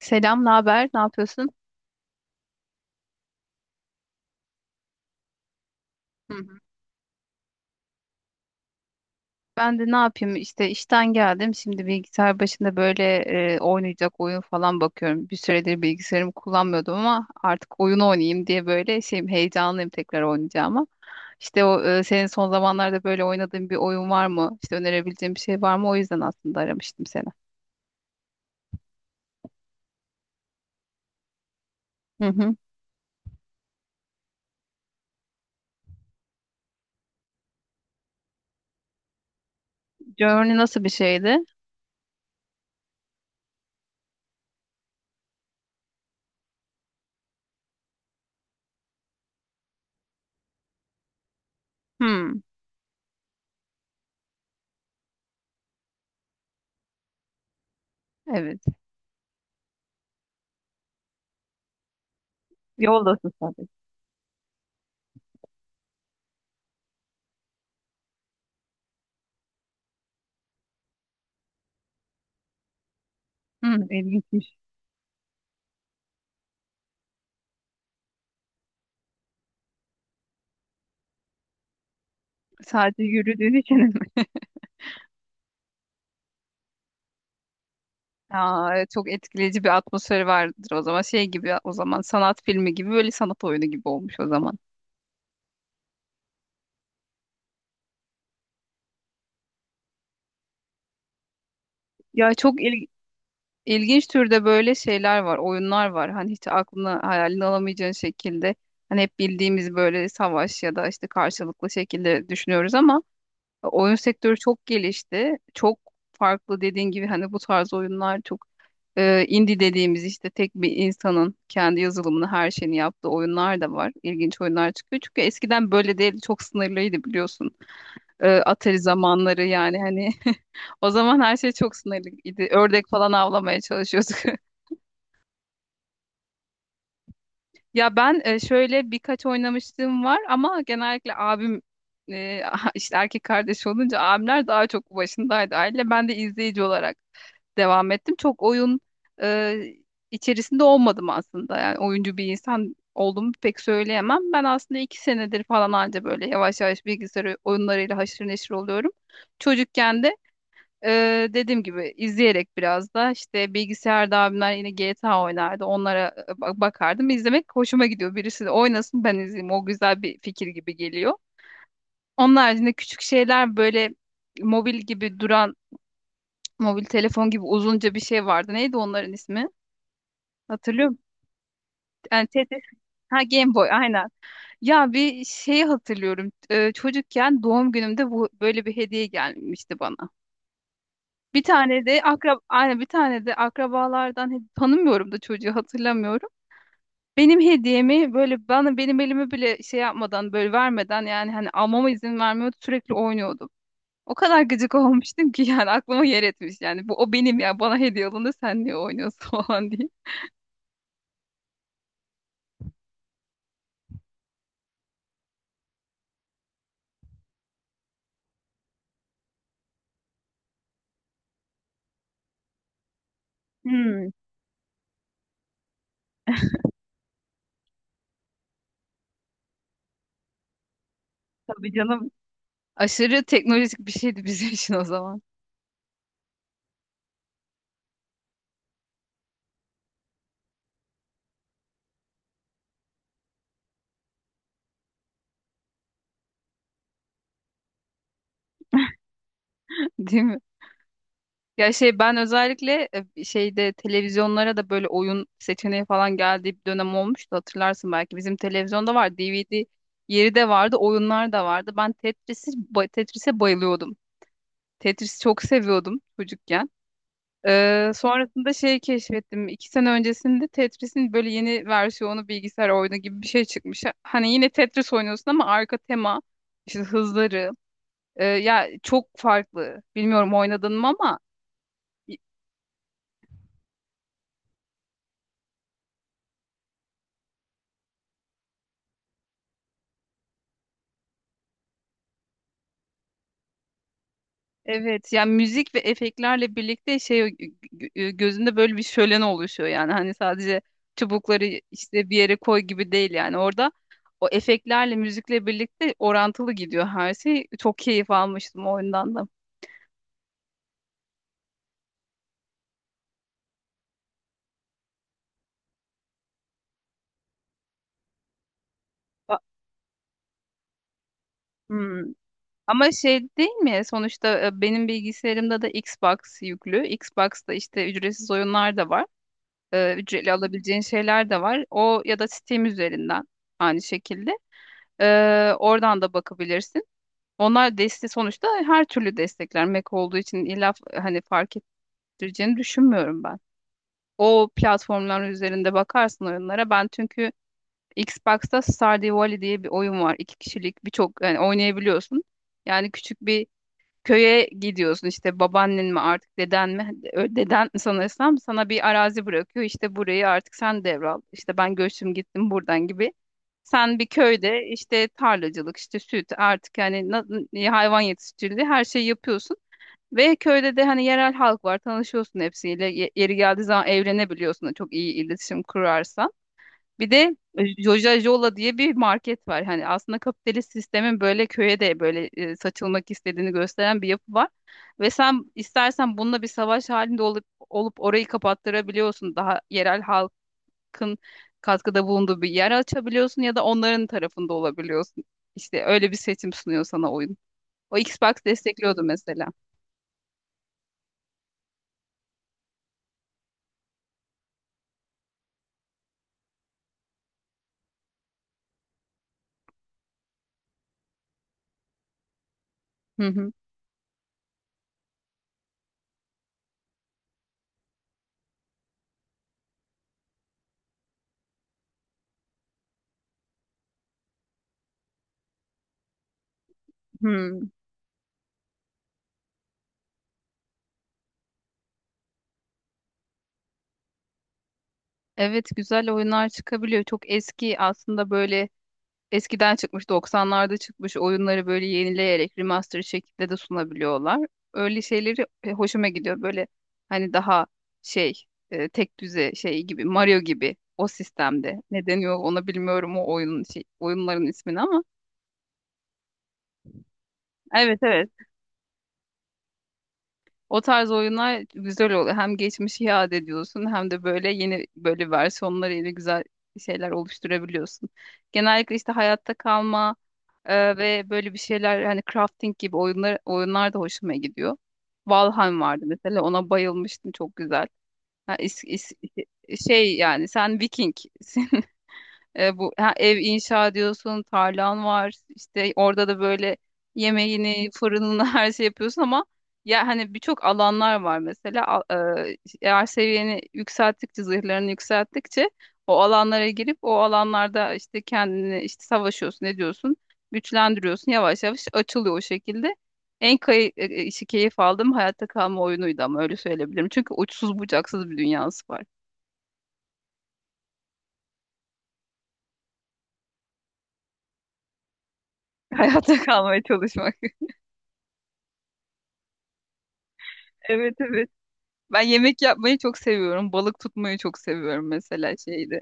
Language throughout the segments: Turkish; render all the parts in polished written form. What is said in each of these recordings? Selam, ne haber? Ne yapıyorsun? Hı hı. Ben de ne yapayım? İşte işten geldim. Şimdi bilgisayar başında böyle oynayacak oyun falan bakıyorum. Bir süredir bilgisayarımı kullanmıyordum ama artık oyun oynayayım diye böyle şeyim heyecanlıyım tekrar oynayacağıma. İşte o senin son zamanlarda böyle oynadığın bir oyun var mı? İşte önerebileceğim bir şey var mı? O yüzden aslında aramıştım seni. Hı hı. Journey nasıl bir şeydi? Hmm, evet. Yoldasın sadece. Hmm, ilginçmiş. Sadece yürüdüğün için Aa, evet, çok etkileyici bir atmosferi vardır o zaman. Şey gibi o zaman sanat filmi gibi böyle sanat oyunu gibi olmuş o zaman. Ya çok ilginç türde böyle şeyler var, oyunlar var. Hani hiç aklına hayalini alamayacağın şekilde. Hani hep bildiğimiz böyle savaş ya da işte karşılıklı şekilde düşünüyoruz ama oyun sektörü çok gelişti. Çok farklı dediğin gibi hani bu tarz oyunlar çok. İndie dediğimiz işte tek bir insanın kendi yazılımını her şeyini yaptığı oyunlar da var. İlginç oyunlar çıkıyor. Çünkü eskiden böyle değil çok sınırlıydı biliyorsun. Atari zamanları yani hani o zaman her şey çok sınırlıydı. Ördek falan avlamaya çalışıyorduk. Ya ben şöyle birkaç oynamışlığım var ama genellikle abim e, işte erkek kardeş olunca abimler daha çok başındaydı aile. Ben de izleyici olarak devam ettim. Çok oyun e, içerisinde olmadım aslında. Yani oyuncu bir insan olduğumu pek söyleyemem. Ben aslında iki senedir falan anca böyle yavaş yavaş bilgisayar oyunlarıyla haşır neşir oluyorum. Çocukken de dediğim gibi izleyerek biraz da işte bilgisayarda abimler yine GTA oynardı. Onlara bakardım. İzlemek hoşuma gidiyor. Birisi de oynasın ben izleyeyim. O güzel bir fikir gibi geliyor. Onun haricinde küçük şeyler böyle mobil gibi duran mobil telefon gibi uzunca bir şey vardı. Neydi onların ismi? Hatırlıyorum. Yani Tetris. Ha Game Boy aynen. Ya bir şeyi hatırlıyorum. Çocukken doğum günümde bu böyle bir hediye gelmişti bana. Bir tane de aynen bir tane de akrabalardan tanımıyorum da çocuğu hatırlamıyorum. Benim hediyemi böyle bana benim elimi bile şey yapmadan böyle vermeden yani hani almama izin vermiyordu sürekli oynuyordum. O kadar gıcık olmuştum ki yani aklıma yer etmiş yani bu o benim ya bana hediye alındı sen niye oynuyorsun falan diye. Hmm, tabii canım. Aşırı teknolojik bir şeydi bizim için o zaman. Değil mi? Ya şey ben özellikle şeyde televizyonlara da böyle oyun seçeneği falan geldiği bir dönem olmuştu hatırlarsın belki. Bizim televizyonda var, DVD yeri de vardı, oyunlar da vardı. Ben Tetris'e bayılıyordum. Tetris'i çok seviyordum çocukken. Sonrasında şey keşfettim. İki sene öncesinde Tetris'in böyle yeni versiyonu bilgisayar oyunu gibi bir şey çıkmış. Hani yine Tetris oynuyorsun ama arka tema, işte hızları. Ya çok farklı. Bilmiyorum oynadın mı ama. Evet yani müzik ve efektlerle birlikte şey gözünde böyle bir şölen oluşuyor yani hani sadece çubukları işte bir yere koy gibi değil yani orada o efektlerle müzikle birlikte orantılı gidiyor her şey. Çok keyif almıştım o oyundan da. Ba- Hmm. Ama şey değil mi? Sonuçta benim bilgisayarımda da Xbox yüklü. Xbox'ta işte ücretsiz oyunlar da var. Ücretli alabileceğin şeyler de var. O ya da Steam üzerinden aynı şekilde. Oradan da bakabilirsin. Onlar desteği sonuçta her türlü destekler. Mac olduğu için illa hani fark ettireceğini düşünmüyorum ben. O platformların üzerinde bakarsın oyunlara. Ben çünkü Xbox'ta Stardew Valley diye bir oyun var. İki kişilik birçok yani oynayabiliyorsun. Yani küçük bir köye gidiyorsun işte babaannen mi artık deden mi hani, deden sanırsam sana bir arazi bırakıyor işte burayı artık sen devral işte ben göçtüm gittim buradan gibi sen bir köyde işte tarlacılık, işte süt artık yani hayvan yetiştiriciliği her şeyi yapıyorsun. Ve köyde de hani yerel halk var tanışıyorsun hepsiyle. Yeri geldiği zaman evlenebiliyorsun da çok iyi iletişim kurarsan. Bir de Joja Jola diye bir market var. Hani aslında kapitalist sistemin böyle köye de böyle saçılmak istediğini gösteren bir yapı var. Ve sen istersen bununla bir savaş halinde olup orayı kapattırabiliyorsun. Daha yerel halk hakkın katkıda bulunduğu bir yer açabiliyorsun ya da onların tarafında olabiliyorsun. İşte öyle bir seçim sunuyor sana oyun. O Xbox destekliyordu mesela. Hı hı. Hı. Evet güzel oyunlar çıkabiliyor. Çok eski aslında böyle eskiden çıkmış 90'larda çıkmış oyunları böyle yenileyerek remaster şekilde de sunabiliyorlar. Öyle şeyleri hoşuma gidiyor. Böyle hani daha şey tek düze şey gibi Mario gibi o sistemde. Ne deniyor ona bilmiyorum o oyunun şey, oyunların ismini ama. Evet evet. O tarz oyunlar güzel oluyor. Hem geçmişi iade ediyorsun hem de böyle yeni böyle versiyonlarıyla güzel şeyler oluşturabiliyorsun. Genellikle işte hayatta kalma ve böyle bir şeyler hani crafting gibi oyunlar da hoşuma gidiyor. Valheim vardı mesela ona bayılmıştım çok güzel. Ha, şey yani sen Viking bu ha, ev inşa ediyorsun, tarlan var. İşte orada da böyle yemeğini, fırınını her şey yapıyorsun ama ya hani birçok alanlar var mesela. Eğer seviyeni yükselttikçe, zırhlarını yükselttikçe o alanlara girip o alanlarda işte kendini işte savaşıyorsun, ne diyorsun? Güçlendiriyorsun. Yavaş yavaş açılıyor o şekilde. En kay e, e, işi keyif aldığım hayatta kalma oyunuydu ama öyle söyleyebilirim. Çünkü uçsuz bucaksız bir dünyası var. Hayatta kalmaya çalışmak. Evet evet. Ben yemek yapmayı çok seviyorum. Balık tutmayı çok seviyorum mesela şeyde.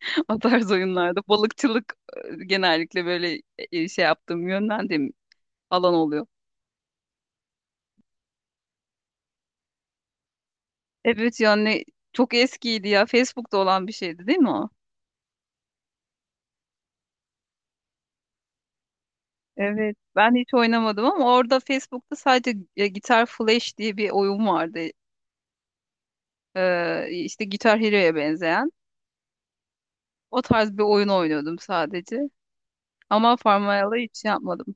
O tarz oyunlarda. Balıkçılık genellikle böyle şey yaptığım, yönlendiğim alan oluyor. Evet yani çok eskiydi ya. Facebook'ta olan bir şeydi değil mi o? Evet. Ben hiç oynamadım ama orada Facebook'ta sadece Guitar Flash diye bir oyun vardı. İşte Guitar Hero'ya benzeyen. O tarz bir oyun oynuyordum sadece. Ama Farmville'ı hiç yapmadım.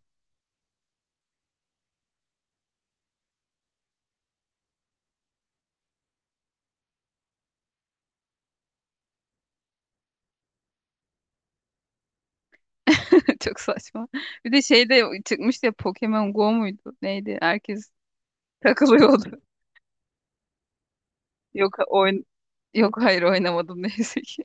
Çok saçma. Bir de şey de çıkmıştı ya Pokemon Go muydu? Neydi? Herkes takılıyordu. Yok oyn Yok hayır oynamadım neyse ki.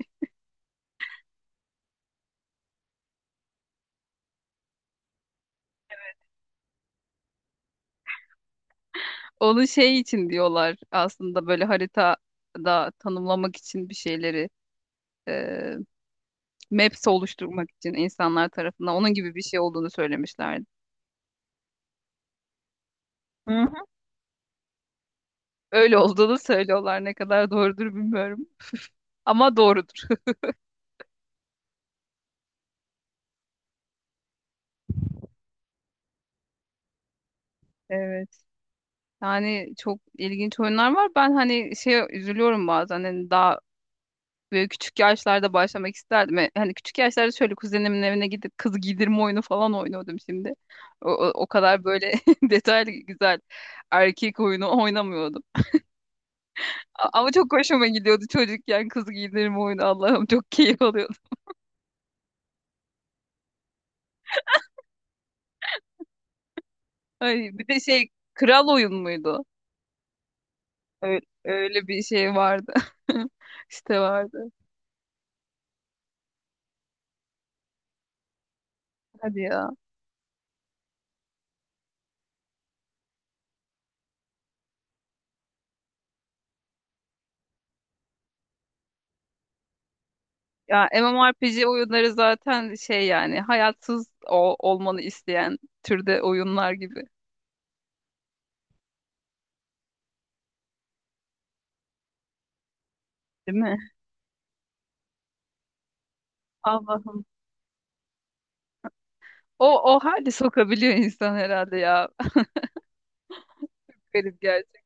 Onu şey için diyorlar aslında böyle haritada tanımlamak için bir şeyleri e, maps oluşturmak için insanlar tarafından onun gibi bir şey olduğunu söylemişlerdi. Hı hı. Öyle olduğunu söylüyorlar ne kadar doğrudur bilmiyorum. Ama doğrudur. Evet. Yani çok ilginç oyunlar var. Ben hani şey üzülüyorum bazen hani daha böyle küçük yaşlarda başlamak isterdim. E, hani küçük yaşlarda şöyle kuzenimin evine gidip kız giydirme oyunu falan oynuyordum şimdi. O kadar böyle detaylı güzel erkek oyunu oynamıyordum. Ama çok hoşuma gidiyordu çocukken kız giydirme oyunu Allah'ım çok keyif alıyordum. Ay, bir de şey kral oyun muydu? Öyle bir şey vardı. İşte vardı. Hadi ya. Ya MMORPG oyunları zaten şey yani hayatsız olmanı isteyen türde oyunlar gibi. Değil mi? Allah'ım. O hali sokabiliyor insan herhalde ya. Garip gerçek.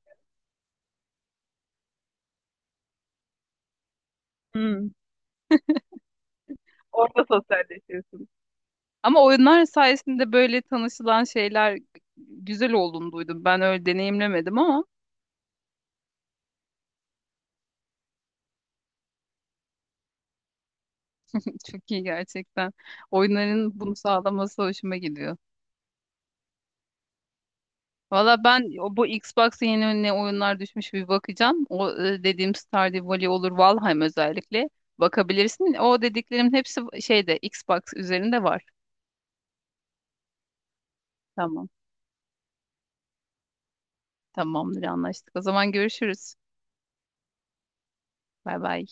Hmm. Orada sosyalleşiyorsun. Ama oyunlar sayesinde böyle tanışılan şeyler güzel olduğunu duydum. Ben öyle deneyimlemedim ama çok iyi gerçekten. Oyunların bunu sağlaması hoşuma gidiyor. Valla ben bu Xbox'a yeni önüne oyunlar düşmüş bir bakacağım. O dediğim Stardew Valley olur, Valheim özellikle. Bakabilirsin. O dediklerimin hepsi şeyde Xbox üzerinde var. Tamam. Tamamdır anlaştık. O zaman görüşürüz. Bay bay.